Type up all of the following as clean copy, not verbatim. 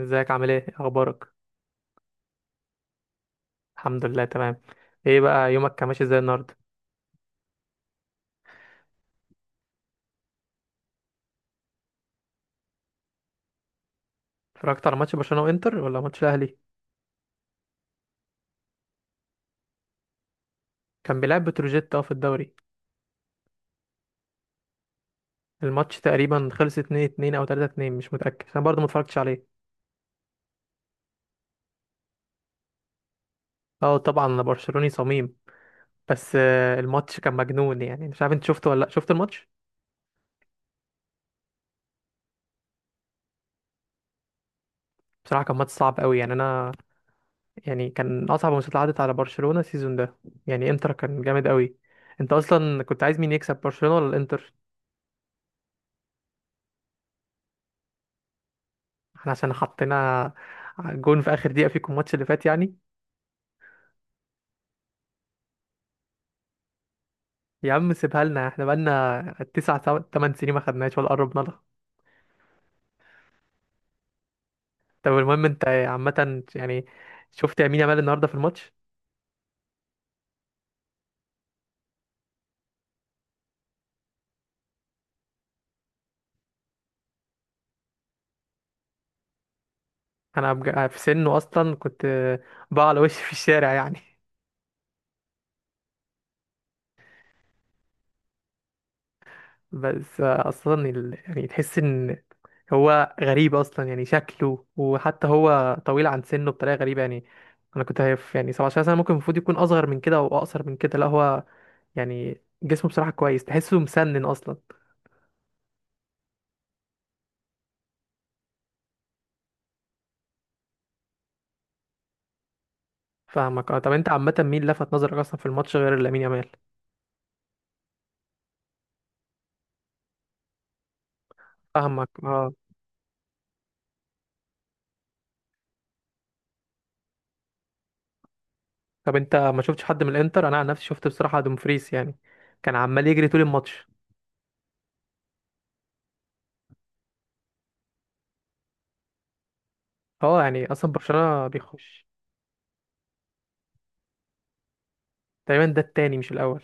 ازيك؟ عامل إيه اخبارك؟ الحمد لله، تمام. ايه بقى، يومك كان ماشي ازاي النهارده؟ اتفرجت على ماتش برشلونة وانتر ولا ماتش الاهلي؟ كان بيلعب بتروجيت في الدوري. الماتش تقريبا خلص 2-2 او 3-2، مش متأكد انا برضه ما اتفرجتش عليه. اه، طبعا انا برشلوني صميم. بس الماتش كان مجنون، يعني مش عارف انت شفته ولا لا، شفت الماتش؟ بصراحة كان ماتش صعب قوي، يعني انا يعني كان اصعب ماتشات عدت على برشلونة السيزون ده، يعني انتر كان جامد قوي. انت اصلا كنت عايز مين يكسب، برشلونة ولا الانتر؟ احنا عشان حطينا جون في اخر دقيقة فيكم الماتش اللي فات يعني. يا عم سيبها لنا، احنا بقالنا 8 سنين ما خدناش ولا قربنا لها. طب المهم، انت عامة يعني شفت يمين يامال النهاردة في الماتش؟ انا في سنه اصلا كنت بقى على وشي في الشارع يعني. بس اصلا يعني تحس ان هو غريب اصلا، يعني شكله، وحتى هو طويل عن سنه بطريقه غريبه يعني. انا كنت هيف، يعني 17 سنه ممكن، المفروض يكون اصغر من كده او اقصر من كده، لا هو يعني جسمه بصراحه كويس، تحسه مسنن اصلا. فاهمك، اه. طب انت عامه مين لفت نظرك اصلا في الماتش غير لامين يامال؟ فاهمك، اه. طب انت ما شفتش حد من الانتر؟ انا عن نفسي شفت بصراحه دومفريس، يعني كان عمال يجري طول الماتش. اه يعني اصلا برشلونه بيخش. تقريبا ده التاني مش الاول.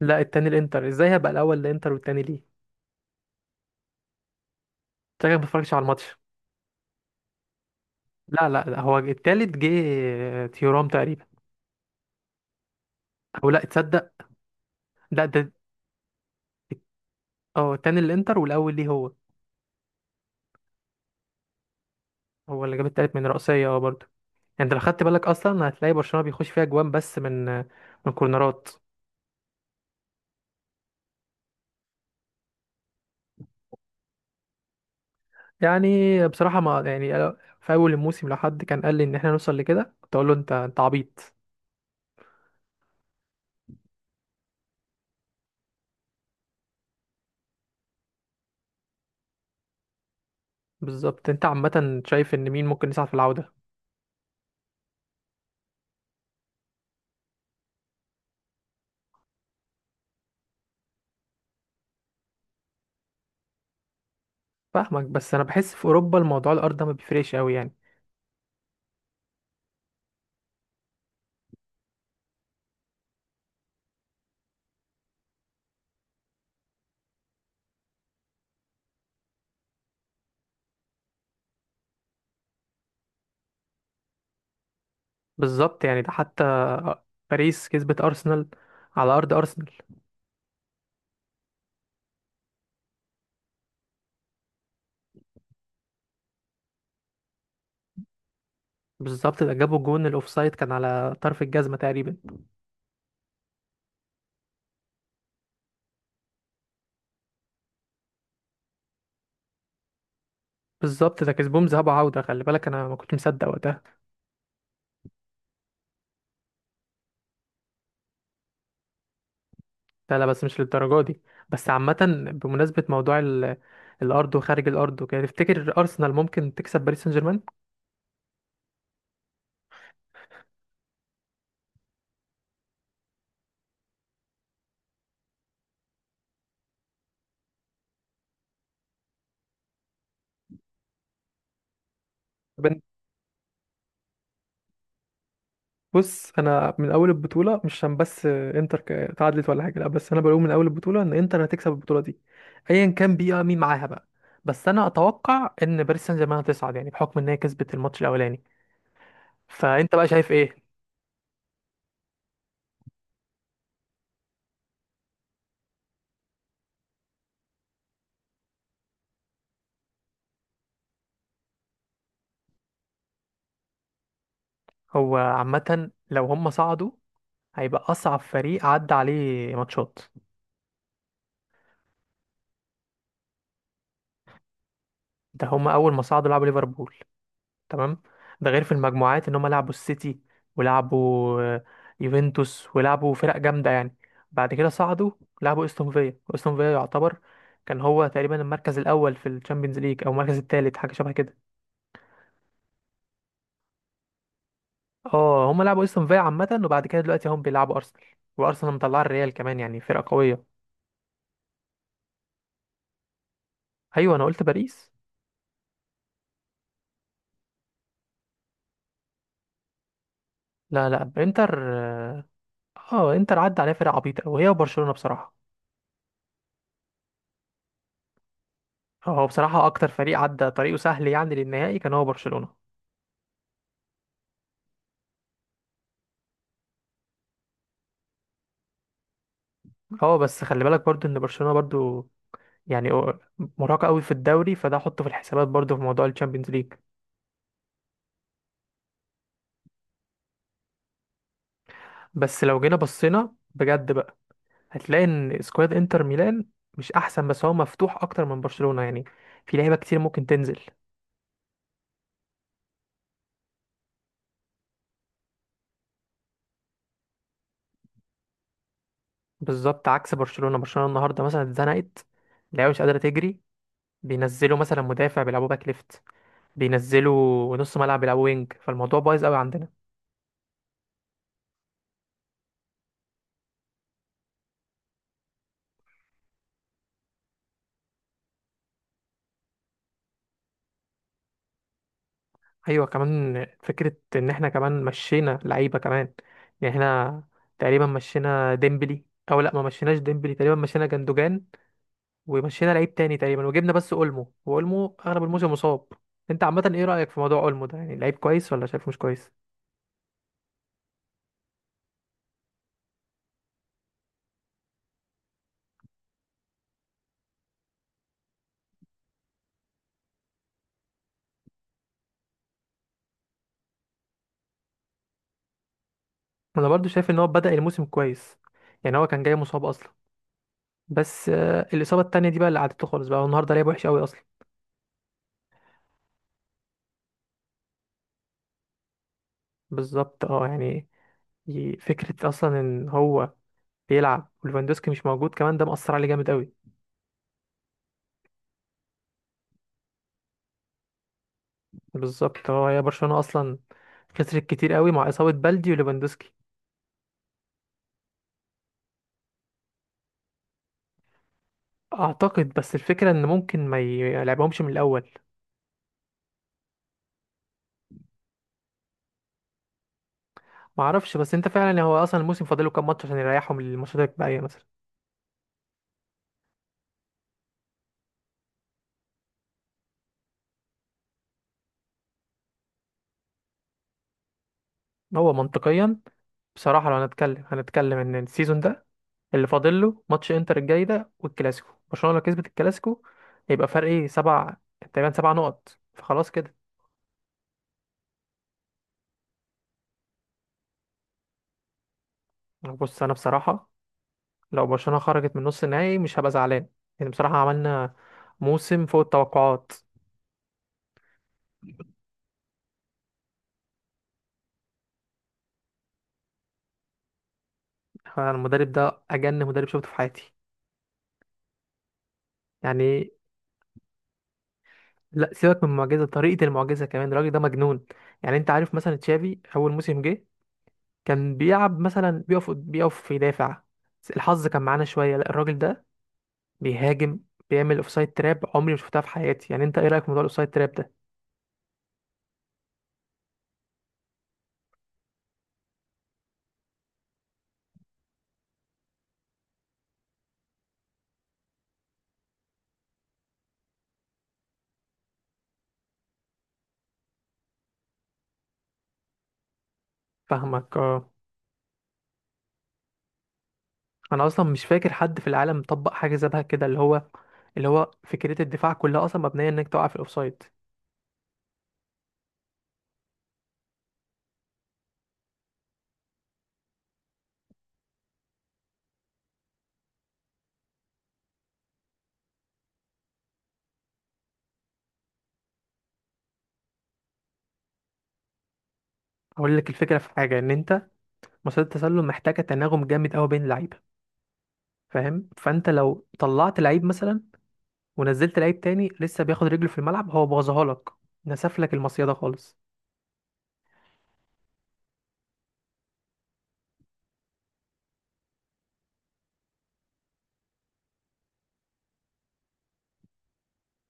لا التاني الانتر ازاي، هبقى الاول الانتر والتاني ليه؟ شكلك ما بتفرجش على الماتش. لا لا لا، هو التالت جه. تيورام تقريبا. او لا تصدق. لا، ده اه التاني الانتر والاول ليه هو. هو اللي جاب التالت من رأسية، برضه. يعني انت لو خدت بالك اصلا هتلاقي برشلونة بيخش فيها جوان بس من من كورنرات. يعني بصراحة ما يعني في اول الموسم لو حد كان قال لي ان احنا نوصل لكده كنت اقول له انت عبيط. بالظبط. انت عامة شايف ان مين ممكن يصعد في العودة؟ فاهمك، بس انا بحس في اوروبا الموضوع الارض ده ما بيفرقش قوي يعني. بالظبط، يعني ده حتى باريس كسبت ارسنال على ارض ارسنال. بالظبط، ده جابوا جون الاوفسايد كان على طرف الجزمه تقريبا. بالظبط، ده كسبهم ذهاب وعوده، خلي بالك انا ما كنت مصدق وقتها. لا لا، بس مش للدرجه دي. بس عامه بمناسبه موضوع الارض وخارج الارض وكده، تفتكر ارسنال ممكن تكسب باريس سان جيرمان؟ بص انا من اول البطوله، مش عشان بس انتر تعادلت ولا حاجه، لا بس انا بقول من اول البطوله ان انتر هتكسب البطوله دي، ايا كان بيها مين معاها بقى. بس انا اتوقع ان باريس سان جيرمان هتصعد، يعني بحكم ان هي كسبت الماتش الاولاني. فانت بقى شايف ايه؟ هو عامه لو هم صعدوا هيبقى اصعب فريق عدى عليه ماتشات. ده هم اول ما صعدوا لعبوا ليفربول، تمام. ده غير في المجموعات ان هم لعبوا السيتي، ولعبوا يوفنتوس، ولعبوا فرق جامده يعني. بعد كده صعدوا لعبوا استون فيا. استون فيا يعتبر كان هو تقريبا المركز الاول في الشامبيونز ليج او المركز الثالث، حاجه شبه كده. اه هم لعبوا استون فيا عامه، وبعد كده دلوقتي هم بيلعبوا ارسنال، وارسنال مطلعه الريال كمان، يعني فرقه قويه. ايوه، انا قلت باريس. لا لا، انتر اه. انتر عدى عليها فرق عبيطه وهي وبرشلونه بصراحه. هو بصراحه اكتر فريق عدى طريقه سهل يعني للنهائي كان هو برشلونه. اه بس خلي بالك برضو ان برشلونة برضو يعني مرهقة قوي في الدوري، فده حطه في الحسابات برضو في موضوع الشامبيونز ليج. بس لو جينا بصينا بجد بقى، هتلاقي ان سكواد انتر ميلان مش احسن، بس هو مفتوح اكتر من برشلونة يعني، في لعيبة كتير ممكن تنزل. بالظبط عكس برشلونة. برشلونة النهاردة مثلا اتزنقت، اللعيبة مش قادرة تجري، بينزلوا مثلا مدافع بيلعبوا باك ليفت، بينزلوا نص ملعب بيلعبوا وينج، فالموضوع بايظ قوي عندنا. ايوه كمان فكره ان احنا كمان مشينا لعيبه كمان، يعني احنا تقريبا مشينا ديمبلي، او لا ما مشيناش ديمبلي، تقريبا مشينا جندوجان، ومشينا لعيب تاني تقريبا، وجبنا بس اولمو، واولمو اغلب الموسم مصاب. انت عامه ايه رايك في موضوع اولمو ده؟ يعني لعيب كويس ولا شايفه مش كويس؟ انا برضو شايف ان هو بدا الموسم كويس، يعني هو كان جاي مصاب اصلا. بس الاصابه التانيه دي بقى اللي قعدته خالص بقى، هو النهارده لعب وحش قوي اصلا. بالظبط اه يعني فكره اصلا ان هو بيلعب وليفاندوسكي مش موجود كمان، ده مأثر عليه جامد قوي. بالظبط. هو هي برشلونة اصلا خسرت كتير قوي مع اصابة بلدي وليفاندوسكي. اعتقد، بس الفكرة ان ممكن ما يلعبهمش من الاول. ما اعرفش، بس انت فعلا هو اصلا الموسم فاضله كام ماتش عشان يريحهم للماتشات الباقية مثلا. هو منطقيا بصراحة، لو هنتكلم ان السيزون ده اللي فاضل له ماتش انتر الجاي ده والكلاسيكو، برشلونة لو كسبت الكلاسيكو يبقى فرق ايه، سبع تقريبا، 7 نقط، فخلاص كده. بص انا بصراحة لو برشلونة خرجت من نص النهائي مش هبقى زعلان، يعني بصراحة عملنا موسم فوق التوقعات. أنا المدرب ده أجن مدرب شفته في حياتي، يعني لا سيبك من المعجزة، طريقة المعجزة كمان الراجل ده مجنون. يعني أنت عارف مثلا تشافي أول موسم جه كان بيلعب مثلا، بيقف يدافع، الحظ كان معانا شوية. لا الراجل ده بيهاجم، بيعمل اوفسايد تراب عمري ما شفتها في حياتي، يعني أنت إيه رأيك في موضوع الاوفسايد تراب ده؟ فاهمك، اه. انا اصلا مش فاكر حد في العالم طبق حاجه شبه كده، اللي هو فكره الدفاع كلها اصلا مبنيه انك تقع في الاوفسايد. اقول لك الفكره في حاجه ان انت، مصيده التسلل محتاجه تناغم جامد قوي بين اللعيبه. فاهم، فانت لو طلعت لعيب مثلا ونزلت لعيب تاني لسه بياخد رجله في الملعب هو بوظها لك، نسف لك المصيده خالص.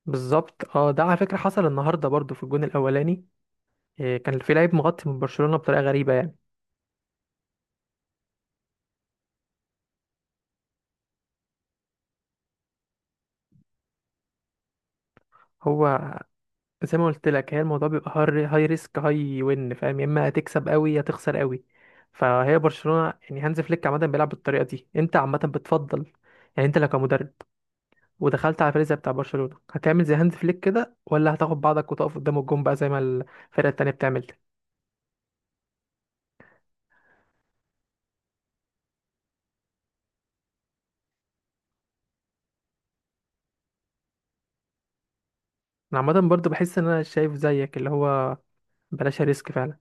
بالظبط اه، ده على فكره حصل النهارده برضو في الجون الاولاني، إيه، كان في لعيب مغطي من برشلونه بطريقه غريبه يعني. هو زي ما قلت لك، هي الموضوع بيبقى هاي ريسك هاي وين، فاهم؟ يا اما هتكسب قوي يا تخسر قوي. فهي برشلونة يعني هانز فليك عامة بيلعب بالطريقة دي، انت عامة بتفضل، يعني انت لو كمدرب ودخلت على الفريق زي بتاع برشلونة هتعمل زي هانز فليك كده ولا هتاخد بعضك وتقف قدام الجون بقى زي ما الفرقة التانية بتعمل؟ انا عامة برضو بحس ان انا شايف زيك، اللي هو بلاش ريسك فعلا.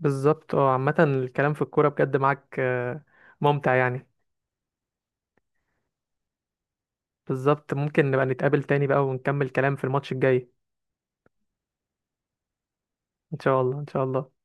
بالظبط اه عامة الكلام في الكورة بجد معاك ممتع يعني. بالظبط، ممكن نبقى نتقابل تاني بقى ونكمل كلام في الماتش الجاي. ان شاء الله، ان شاء الله.